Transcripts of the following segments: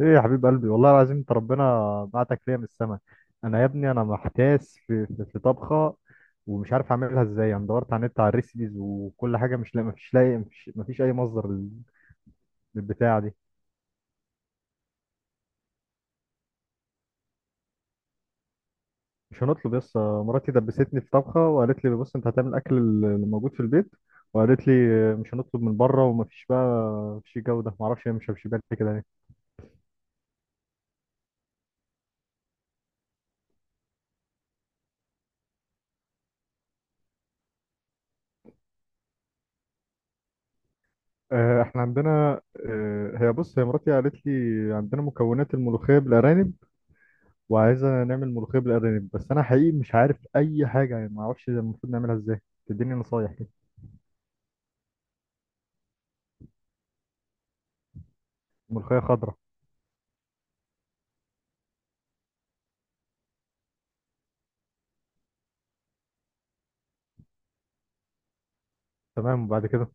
ايه يا حبيب قلبي، والله العظيم انت ربنا بعتك ليا من السما. انا يا ابني انا محتاس في طبخه، ومش عارف اعملها ازاي. انا دورت على النت على الريسيبيز وكل حاجه مش لاقي مفيش، مفيش اي مصدر للبتاعه دي. مش هنطلب يس. مراتي دبستني في طبخه وقالت لي بص انت هتعمل الاكل اللي موجود في البيت، وقالت لي مش هنطلب من بره، ومفيش بقى مفيش جوده. معرفش هي مش بالي كده ليه. احنا عندنا. هي بص، هي مراتي قالت لي عندنا مكونات الملوخيه بالارانب، وعايزة نعمل ملوخية بالأرانب. بس أنا حقيقي مش عارف أي حاجة، يعني ما أعرفش المفروض نعملها إزاي. تديني نصايح كده. ملوخية خضراء. تمام، وبعد كده.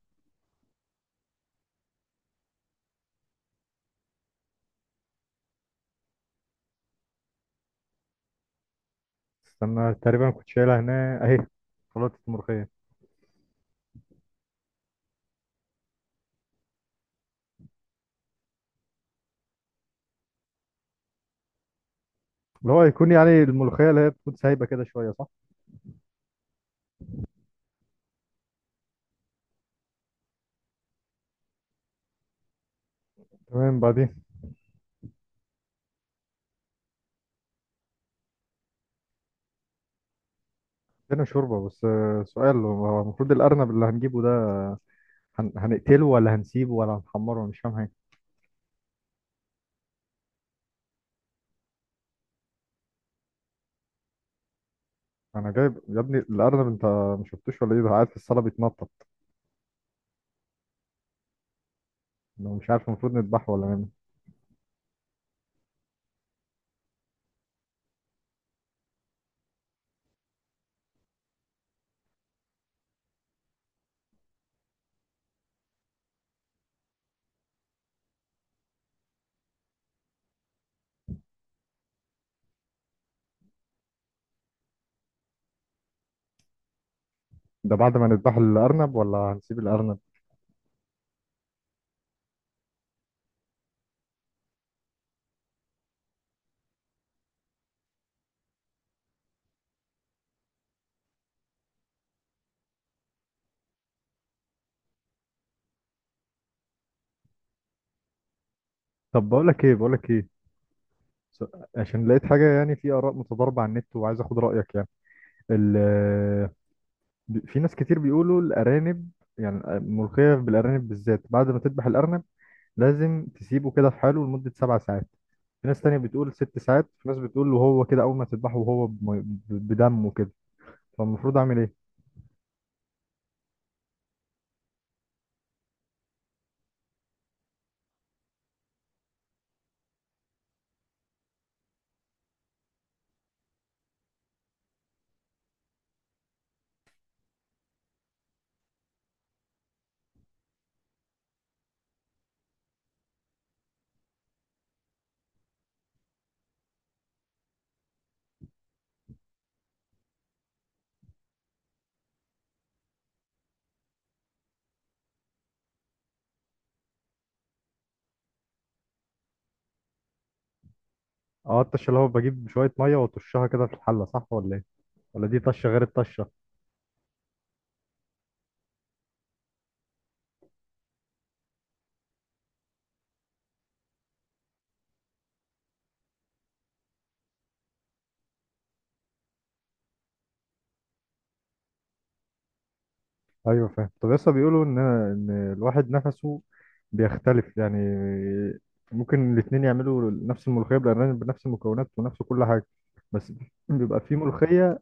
استنى، تقريبا كنت شايلها هنا أهي. خلطة الملوخية. اللي هو يكون يعني الملوخية اللي هي تكون سايبة كده شوية، صح؟ تمام بعدين. هنا شوربة. بس سؤال، هو المفروض الأرنب اللي هنجيبه ده هنقتله ولا هنسيبه ولا هنحمره؟ أنا مش فاهم حاجة. أنا جايب يا ابني الأرنب، أنت ما شفتوش ولا إيه؟ ده قاعد في الصالة بيتنطط. أنا مش عارف المفروض نذبحه ولا نعمل. ده بعد ما نذبح الأرنب ولا هنسيب الأرنب؟ طب بقول لك ايه، بقول لك ايه. س- عشان لقيت حاجه، يعني في اراء متضاربه على النت وعايز اخد رايك يعني. ال- في ناس كتير بيقولوا الارانب، يعني الملوخيه بالارانب بالذات بعد ما تذبح الارنب لازم تسيبه كده في حاله لمده 7 ساعات. في ناس تانية بتقول 6 ساعات، في ناس بتقول وهو كده اول ما تذبحه وهو بدمه كده. فالمفروض اعمل ايه؟ اه الطشه اللي هو بجيب شويه ميه واطشها كده في الحله، صح ولا ايه؟ ولا دي طشه غير الطشه؟ ايوه فاهم. طب لسه بيقولوا ان الواحد نفسه بيختلف، يعني ممكن الاتنين يعملوا نفس الملوخيه بالارانب بنفس المكونات ونفس كل حاجه، بس بيبقى في ملوخيه،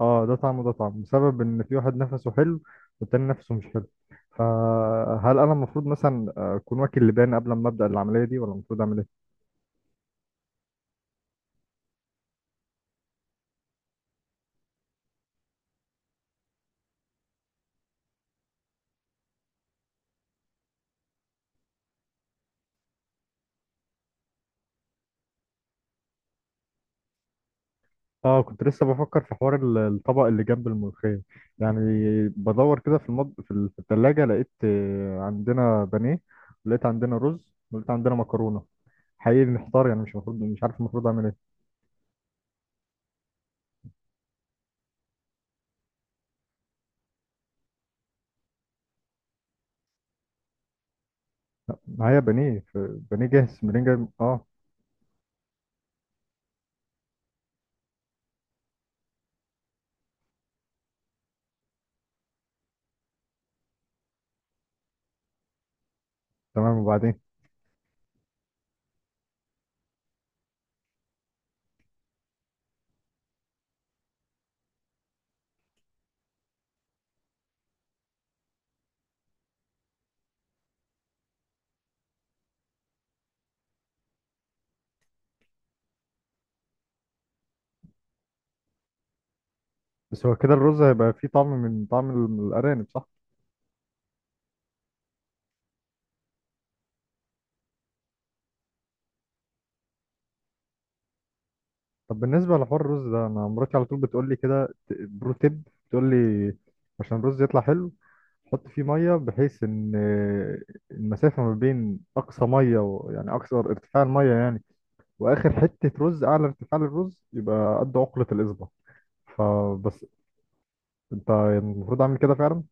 اه ده طعم وده طعم، بسبب ان في واحد نفسه حلو والتاني نفسه مش حلو. فهل انا المفروض مثلا اكون واكل لبان قبل ما ابدا العمليه دي، ولا المفروض اعمل ايه؟ اه كنت لسه بفكر في حوار الطبق اللي جنب الملوخية. يعني بدور كده في التلاجة لقيت عندنا بانيه، ولقيت عندنا رز، ولقيت عندنا مكرونة. حقيقي محتار، يعني مش المفروض، مش عارف المفروض اعمل ايه. معايا بانيه، بانيه جاهز، منين جاي؟ اه تمام وبعدين. بس هو كده الرز هيبقى فيه طعم من طعم الارانب، صح؟ طب بالنسبة لحوار الرز ده، انا مراتي على طول بتقول لي كده برو تيب، بتقول لي عشان الرز يطلع حلو حط فيه ميه بحيث ان المسافه ما بين اقصى ميه، و... يعني اقصى ارتفاع الميه يعني، واخر حته رز، اعلى ارتفاع للرز يبقى قد عقله الاصبع. فبس، انت المفروض اعمل كده فعلا؟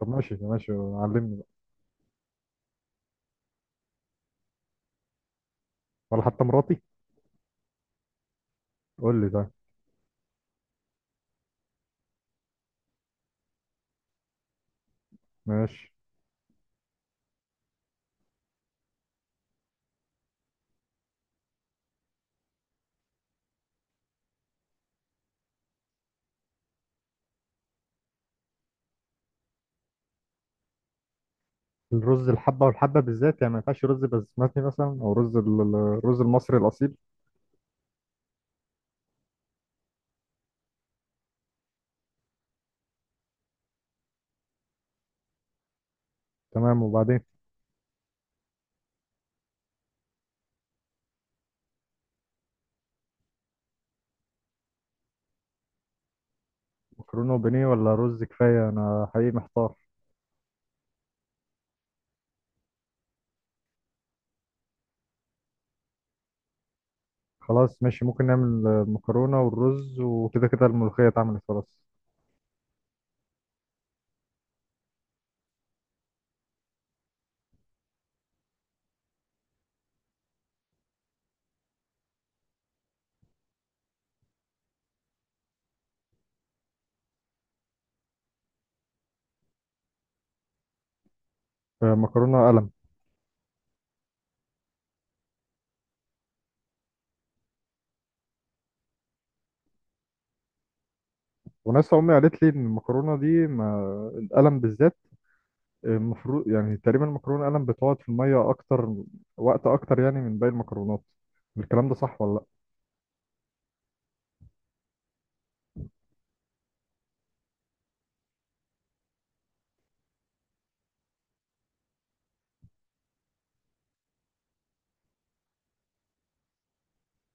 طب ماشي ماشي، علمني بقى. ولا حتى مراتي. قول لي ده. ماشي. الرز الحبه والحبه بالذات، يعني ما ينفعش رز بسمتي مثلا او رز الرز المصري الاصيل؟ تمام وبعدين. مكرونه وبانيه ولا رز كفايه؟ انا حقيقي محتار. خلاص ماشي، ممكن نعمل مكرونة والرز، وكده كده الملوخية اتعملت خلاص. مكرونة قلم. وناس أمي قالت لي إن المكرونة دي، ما القلم بالذات، المفروض يعني تقريبا المكرونة قلم بتقعد في المية أكتر، وقت أكتر يعني من باقي المكرونات. الكلام ده صح ولا لأ؟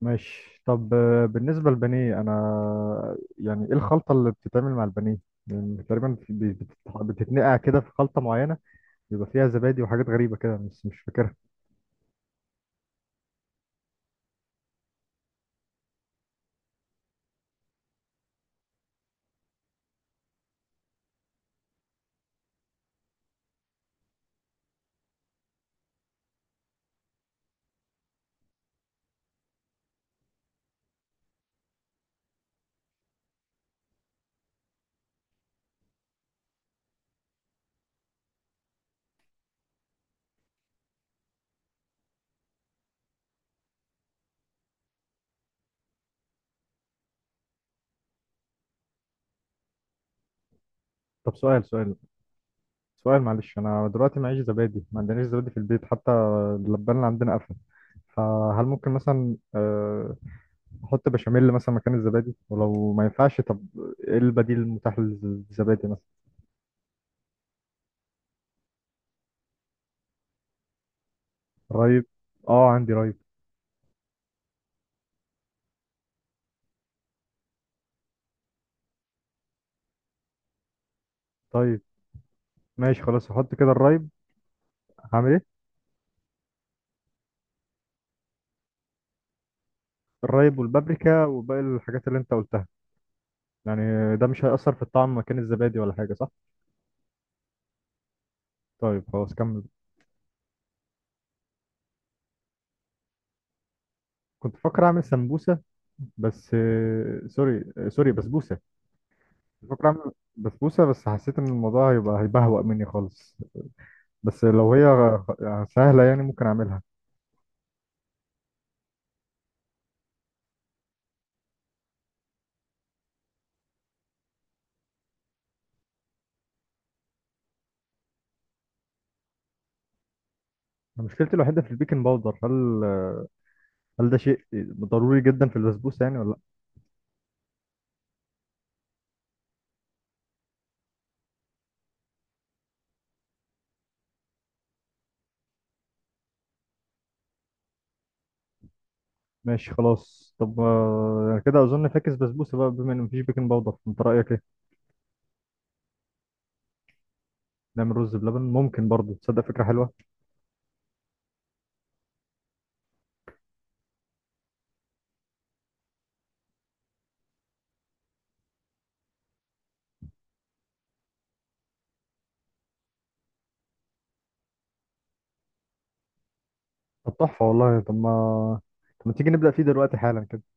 ماشي. طب بالنسبة للبانيه، أنا يعني إيه الخلطة اللي بتتعمل مع البانيه؟ يعني تقريبا بتتنقع كده في خلطة معينة بيبقى فيها زبادي وحاجات غريبة كده، بس مش فاكرها. طب سؤال سؤال سؤال، معلش، انا دلوقتي معيش زبادي، ما عندناش زبادي في البيت حتى. اللبان اللي عندنا قفل. فهل ممكن مثلا احط بشاميل مثلا مكان الزبادي؟ ولو ما ينفعش، طب ايه البديل المتاح للزبادي مثلا؟ رايب. اه عندي رايب. طيب ماشي، خلاص هحط كده الرايب. هعمل ايه؟ الرايب والبابريكا وباقي الحاجات اللي انت قلتها، يعني ده مش هيأثر في الطعم مكان الزبادي ولا حاجة، صح؟ طيب خلاص كمل. كنت فاكر اعمل سمبوسة، بس سوري، سوري، بسبوسة. بفكر اعمل بسبوسه، بس حسيت ان الموضوع هيبقى هيبهوأ مني خالص. بس لو هي يعني سهله، يعني ممكن اعملها. مشكلتي الوحيده في البيكنج باودر، هل ده شيء ضروري جدا في البسبوسه يعني ولا لا؟ ماشي خلاص. طب يعني كده اظن فاكس بسبوسه بقى، بما ان مفيش بيكنج باودر. انت رايك ايه؟ نعمل رز بلبن، ممكن برضه، تصدق فكره حلوه. طب تحفه والله. طب ما تيجي نبدا فيه دلوقتي حالا كده.